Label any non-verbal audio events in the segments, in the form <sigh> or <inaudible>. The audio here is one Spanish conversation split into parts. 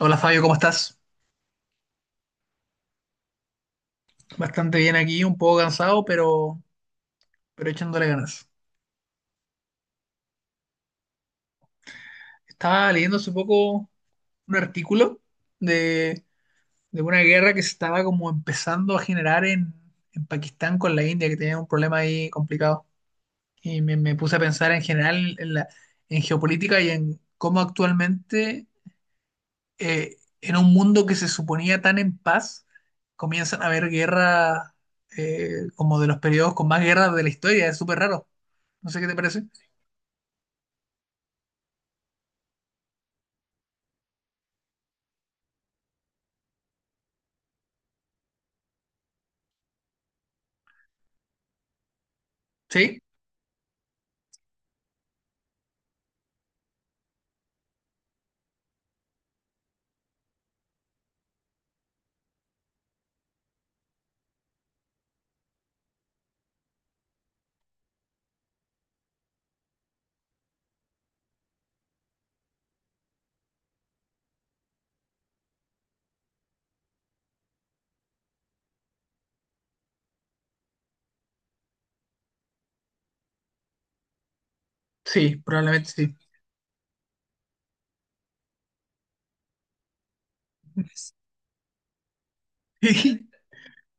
Hola Fabio, ¿cómo estás? Bastante bien aquí, un poco cansado, pero echándole ganas. Estaba leyendo hace poco un artículo de, de una guerra que se estaba como empezando a generar en Pakistán con la India, que tenía un problema ahí complicado. Y me puse a pensar en general en en geopolítica y en cómo actualmente en un mundo que se suponía tan en paz, comienzan a haber guerras como de los periodos con más guerras de la historia. Es súper raro. No sé qué te parece. ¿Sí? Sí, probablemente sí. <laughs> Sí,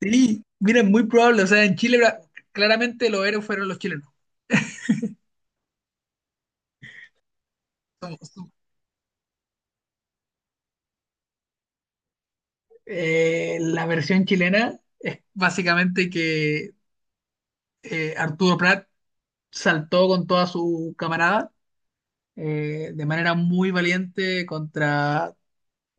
sí. Mira, es muy probable. O sea, claramente los héroes fueron los chilenos. Somos- somos- la versión chilena es básicamente que Arturo Prat saltó con toda su camarada, de manera muy valiente contra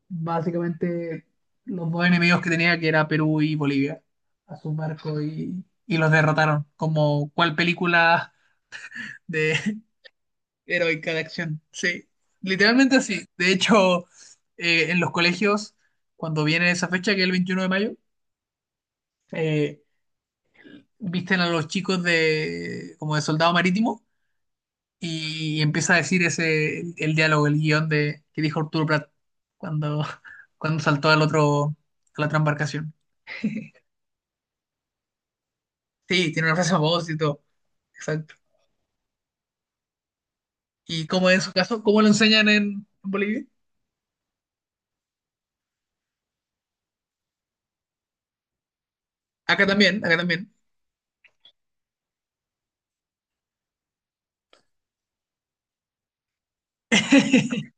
básicamente los dos enemigos que tenía, que era Perú y Bolivia, a su barco y los derrotaron. Como cual película de <laughs> heroica de acción. Sí, literalmente así. De hecho, en los colegios, cuando viene esa fecha, que es el 21 de mayo, eh, visten a los chicos de como de soldado marítimo y empieza a decir ese el diálogo, el guión de que dijo Arturo Prat cuando, <laughs> cuando saltó al otro, a la otra embarcación. Sí, tiene una frase famosa y todo. Exacto. ¿Y cómo es en su caso? ¿Cómo lo enseñan en Bolivia? Acá también, acá también. <laughs>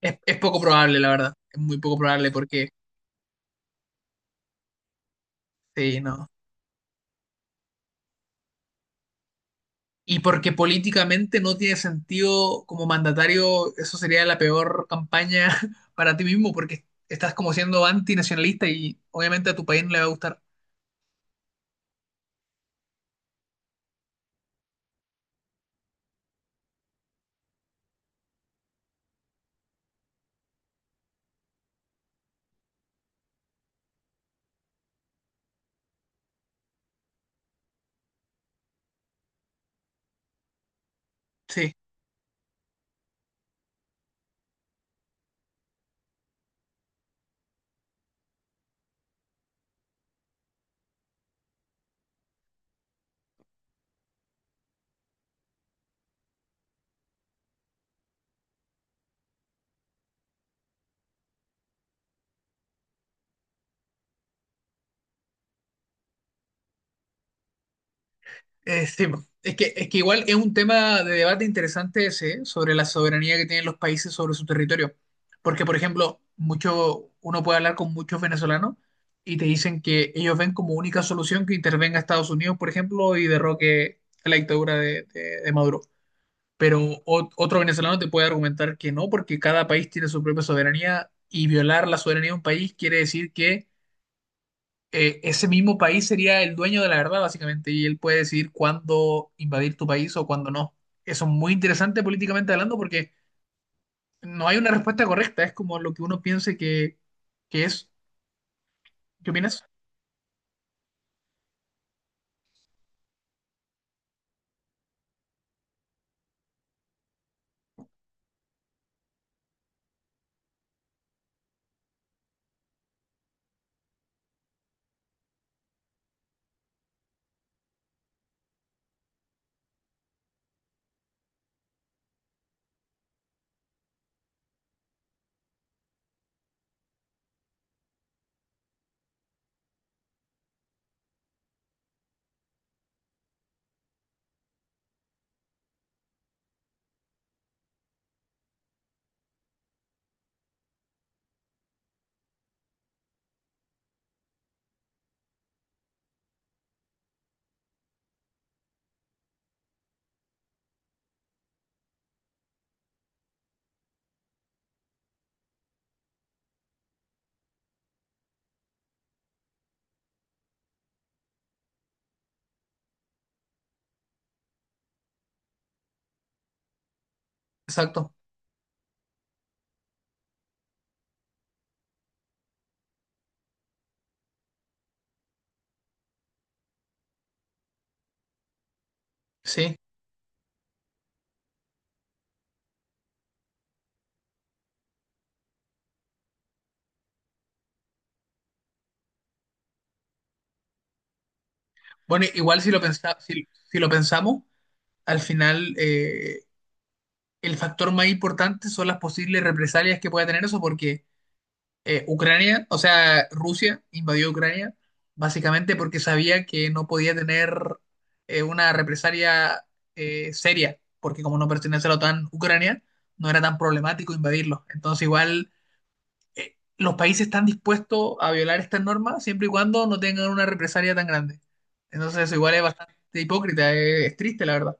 Es poco probable, la verdad. Es muy poco probable porque, sí, no. Y porque políticamente no tiene sentido como mandatario, eso sería la peor campaña <laughs> para ti mismo porque estás como siendo antinacionalista y obviamente a tu país no le va a gustar. Sí. Sí, po. Es que, es que igual es un tema de debate interesante ese, ¿eh? Sobre la soberanía que tienen los países sobre su territorio. Porque, por ejemplo, mucho, uno puede hablar con muchos venezolanos y te dicen que ellos ven como única solución que intervenga Estados Unidos, por ejemplo, y derroque la dictadura de Maduro. Pero otro venezolano te puede argumentar que no, porque cada país tiene su propia soberanía y violar la soberanía de un país quiere decir que ese mismo país sería el dueño de la verdad, básicamente, y él puede decidir cuándo invadir tu país o cuándo no. Eso es muy interesante políticamente hablando porque no hay una respuesta correcta, es como lo que uno piense que es. ¿Qué opinas? Exacto, sí. Bueno, igual si lo si lo pensamos, al final el factor más importante son las posibles represalias que pueda tener eso, porque Ucrania, o sea, Rusia invadió Ucrania básicamente porque sabía que no podía tener una represalia seria, porque como no pertenece a la OTAN, Ucrania no era tan problemático invadirlo. Entonces igual los países están dispuestos a violar estas normas siempre y cuando no tengan una represalia tan grande. Entonces eso igual es bastante hipócrita, es, triste la verdad.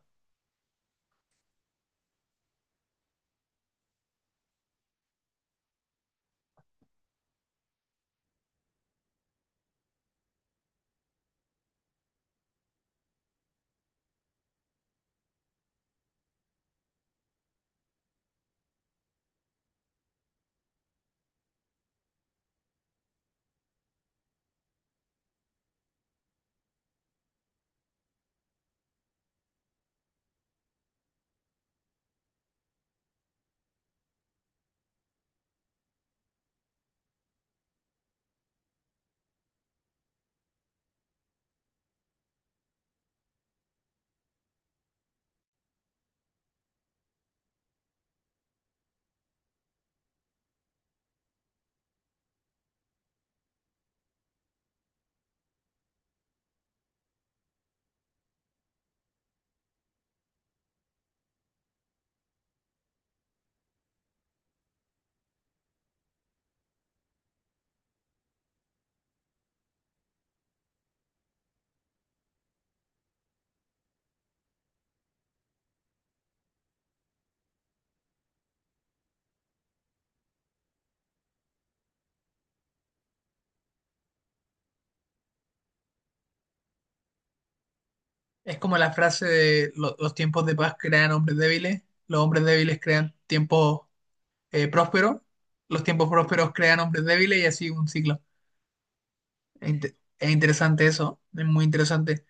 Es como la frase de Los tiempos de paz crean hombres débiles, los hombres débiles crean tiempos próspero, los tiempos prósperos crean hombres débiles y así un ciclo." Es interesante eso, es muy interesante.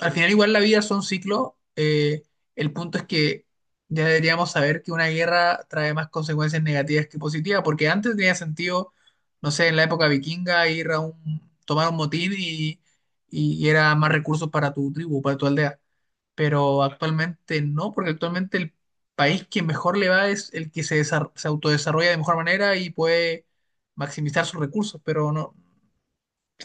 Al final igual la vida son ciclos, eh, el punto es que ya deberíamos saber que una guerra trae más consecuencias negativas que positivas, porque antes tenía sentido, no sé, en la época vikinga ir a un, tomar un motín y era más recursos para tu tribu, para tu aldea, pero actualmente no, porque actualmente el país que mejor le va es el que se autodesarrolla de mejor manera y puede maximizar sus recursos, pero no,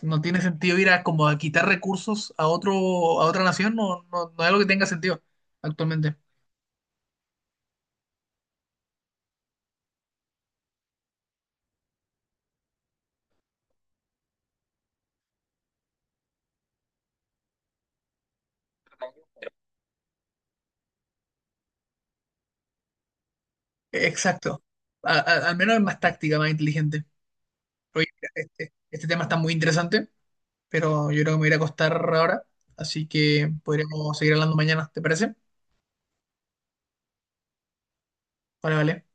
no tiene sentido ir a como a quitar recursos a otro, a otra nación, no, no, no es algo que tenga sentido actualmente. Exacto. Al menos es más táctica, más inteligente. Oye, este tema está muy interesante, pero yo creo que me voy a ir a acostar ahora, así que podríamos seguir hablando mañana, ¿te parece? Vale, vale.